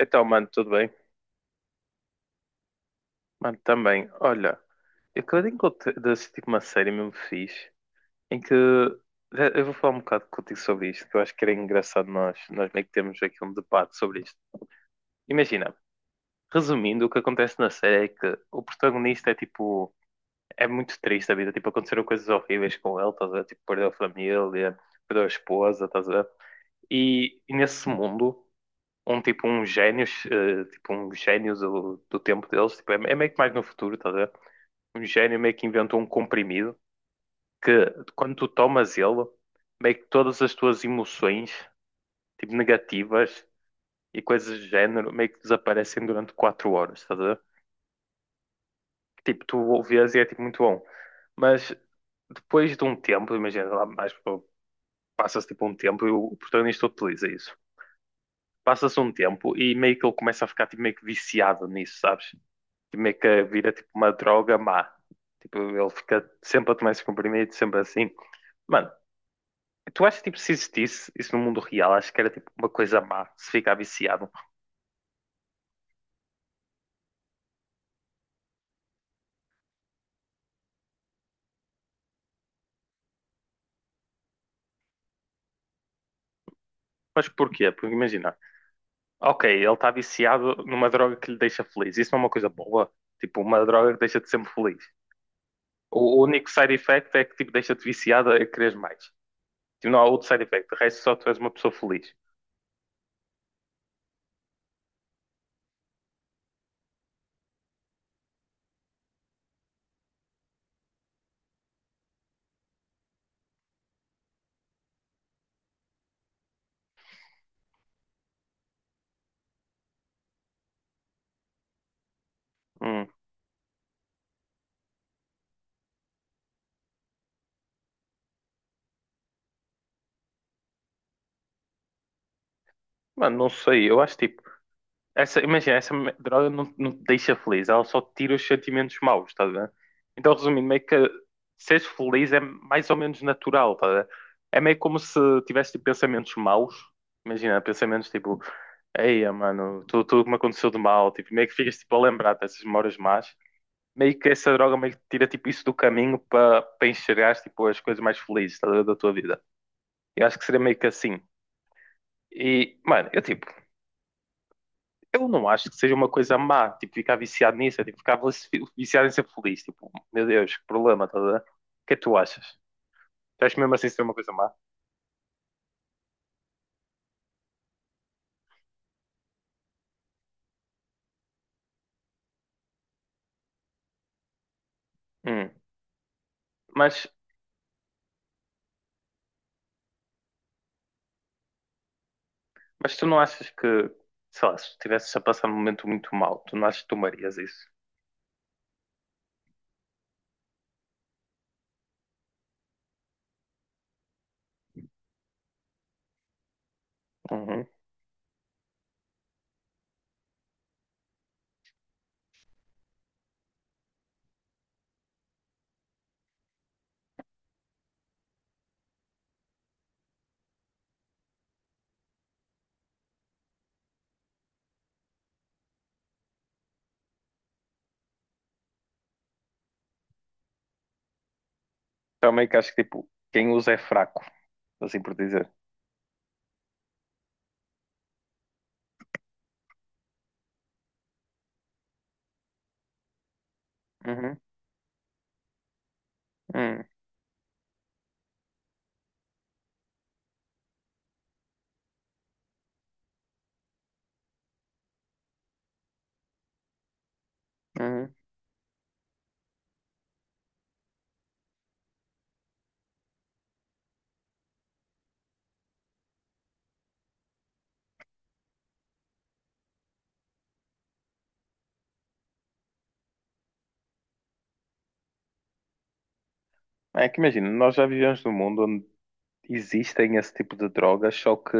Então, mano, tudo bem? Mano, também. Olha, eu acabei de assistir tipo, uma série mesmo fixe, em que eu vou falar um bocado contigo sobre isto, que eu acho que era engraçado nós meio que temos aqui um debate sobre isto. Imagina, resumindo, o que acontece na série é que o protagonista é tipo, é muito triste a vida, tipo, aconteceram coisas horríveis com ele, estás a ver? Tipo, perdeu a família, perdeu a esposa, estás a ver? E nesse mundo. Um tipo um génios, tipo um génios do tempo deles, tipo, é meio que mais no futuro, estás a ver? Um gênio meio que inventou um comprimido que quando tu tomas ele, meio que todas as tuas emoções, tipo negativas e coisas do género, meio que desaparecem durante 4 horas, estás a ver? Tipo, tu o vês e é tipo muito bom. Mas depois de um tempo, imagina lá mais, pô, passa-se tipo um tempo e o protagonista utiliza isso. Passa-se um tempo e meio que ele começa a ficar tipo, meio que viciado nisso, sabes? Que meio que vira tipo uma droga má. Tipo, ele fica sempre a tomar esses comprimidos, sempre assim. Mano, tu achas tipo se existisse isso no mundo real, acho que era tipo uma coisa má, se ficar viciado. Mas porquê? Porque imagina, ok, ele está viciado numa droga que lhe deixa feliz. Isso não é uma coisa boa. Tipo, uma droga que deixa-te sempre feliz. O único side effect é que tipo, deixa-te viciado a querer mais. Tipo, não há outro side effect. O resto só tu és uma pessoa feliz. Hum. Mano, não sei. Eu acho tipo. Essa, imagina, droga não, não te deixa feliz, ela só te tira os sentimentos maus, estás a ver? Então, resumindo, meio que seres feliz é mais ou menos natural, estás a ver? É meio como se tivesse tipo, pensamentos maus, imagina, pensamentos tipo, eia, mano, tudo que me aconteceu de mal, tipo, meio que ficas tipo, a lembrar dessas memórias más, meio que essa droga meio que tira tipo, isso do caminho para enxergares tipo, as coisas mais felizes, estás a ver, da tua vida. Eu acho que seria meio que assim. E, mano, eu tipo. Eu não acho que seja uma coisa má, tipo, ficar viciado nisso, é, tipo, viciado em ser feliz, tipo, meu Deus, que problema, tá a ver? O que é que tu achas? Tu achas mesmo assim ser uma coisa má? Hum. Mas, mas tu não achas que, sei lá, se estivesses a passar um momento muito mau, tu não achas que tomarias isso? Uhum. Também que acho que, tipo, quem usa é fraco, assim por dizer. Uhum. Uhum. Uhum. É que imagina, nós já vivemos num mundo onde existem esse tipo de drogas, só que,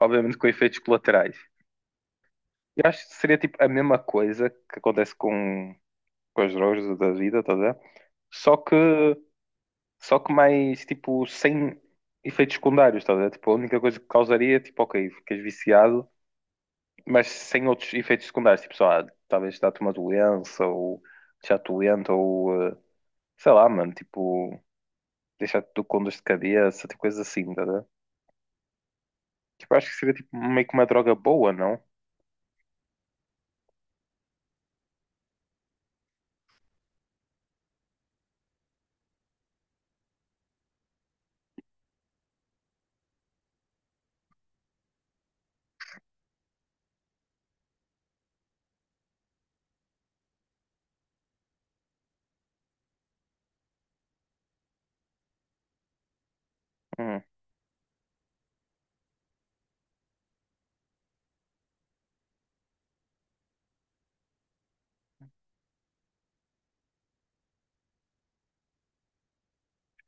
obviamente, com efeitos colaterais. Eu acho que seria tipo a mesma coisa que acontece com as drogas da vida, estás a ver? Só que, só que mais tipo sem efeitos secundários, estás a ver? Tipo, a única coisa que causaria, é, tipo, ok, ficas viciado, mas sem outros efeitos secundários, tipo, só, ah, talvez dá-te uma doença ou deixar-te doente ou sei lá, mano, tipo, deixar-te com dor de cabeça, tipo, coisas assim, estás a ver? Tipo, acho que seria tipo meio que uma droga boa, não? Hum,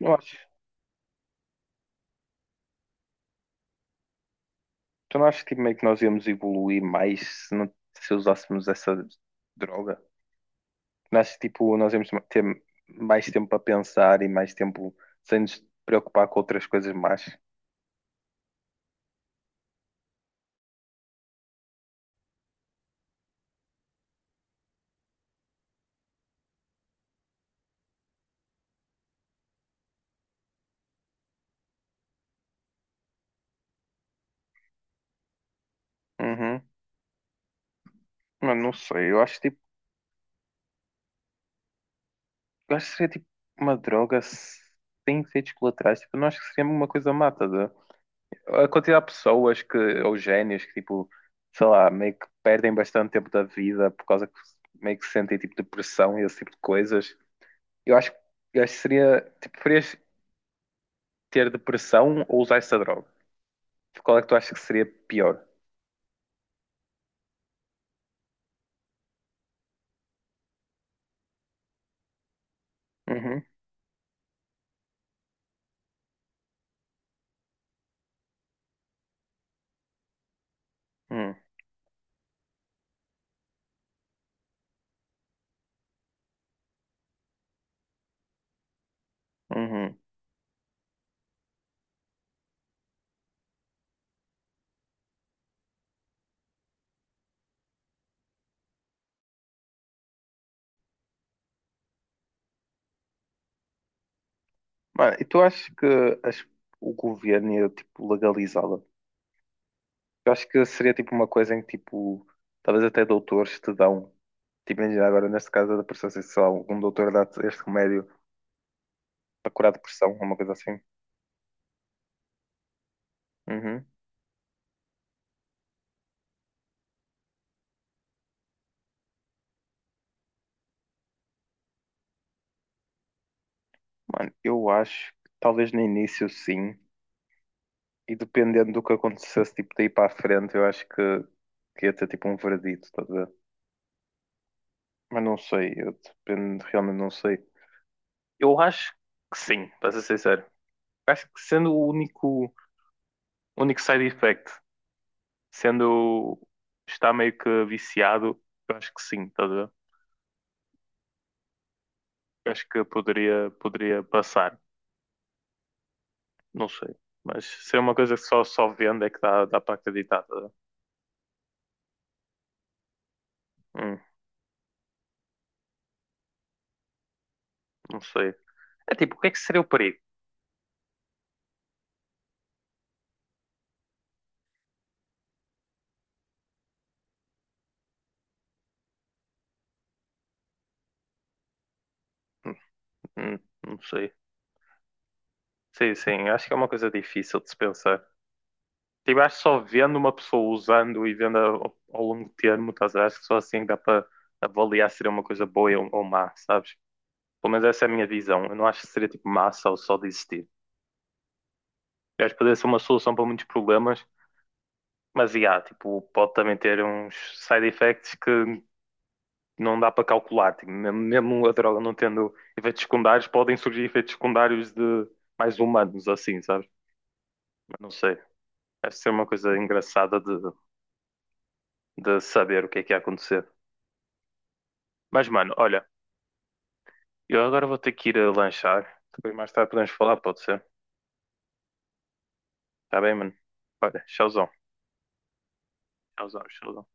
eu acho. Tu não achas que, tipo, meio que nós íamos evoluir mais se, não, se usássemos essa droga? Não achas que tipo, nós íamos ter mais tempo para pensar e mais tempo sem nos preocupar com outras coisas mais? Uhum. Mano, não sei. Eu acho tipo, eu acho que seria tipo uma droga sem efeitos colaterais. Tipo, eu não acho que seria uma coisa mata. A ver? A quantidade de pessoas que, ou génios que tipo, sei lá, meio que perdem bastante tempo da vida por causa que meio que sentem tipo depressão e esse tipo de coisas. Eu acho, eu acho que seria. Tipo, preferias ter depressão ou usar essa droga? Qual é que tu achas que seria pior? Uhum, uhum, uhum. Mano, e tu achas que as- o governo ia, tipo, legalizá-la? Eu acho que seria, tipo, uma coisa em que, tipo, talvez até doutores te dão. Tipo, imagina agora, neste caso da depressão, sei lá, um doutor dá-te este remédio para curar a depressão, uma coisa assim. Uhum. Mano, eu acho que talvez no início sim, e dependendo do que acontecesse, tipo, daí para a frente, eu acho que ia ter tipo um verdito, estás a ver? Mas não sei, eu dependo, realmente não sei. Eu acho que sim, para ser sincero. Acho que sendo único side effect, sendo está meio que viciado, eu acho que sim, estás a ver? Eu acho que poderia passar, não sei. Mas se é uma coisa que só vendo é que dá para acreditar, estás a ver? Hum, não sei. É tipo, o que é que seria o perigo? Hum, hum, não sei. Sim, sim, acho que é uma coisa difícil de se pensar. Tipo, acho que só vendo uma pessoa usando e vendo ao longo do termo, estás a ver? Acho que só assim dá para avaliar se seria uma coisa boa ou má, sabes? Pelo menos essa é a minha visão. Eu não acho que seria tipo massa ou só de existir. Eu acho que poderia ser uma solução para muitos problemas, mas e há, tipo, pode também ter uns side effects que não dá para calcular. Tipo, mesmo a droga não tendo efeitos secundários, podem surgir efeitos secundários de mais humanos, assim, sabes? Mas não sei. Deve ser uma coisa engraçada de saber o que é que ia acontecer. Mas, mano, olha, eu agora vou ter que ir a lanchar. Depois mais tarde podemos falar, pode ser? Tá bem, mano? Olha, tchauzão, tchauzão, tchauzão.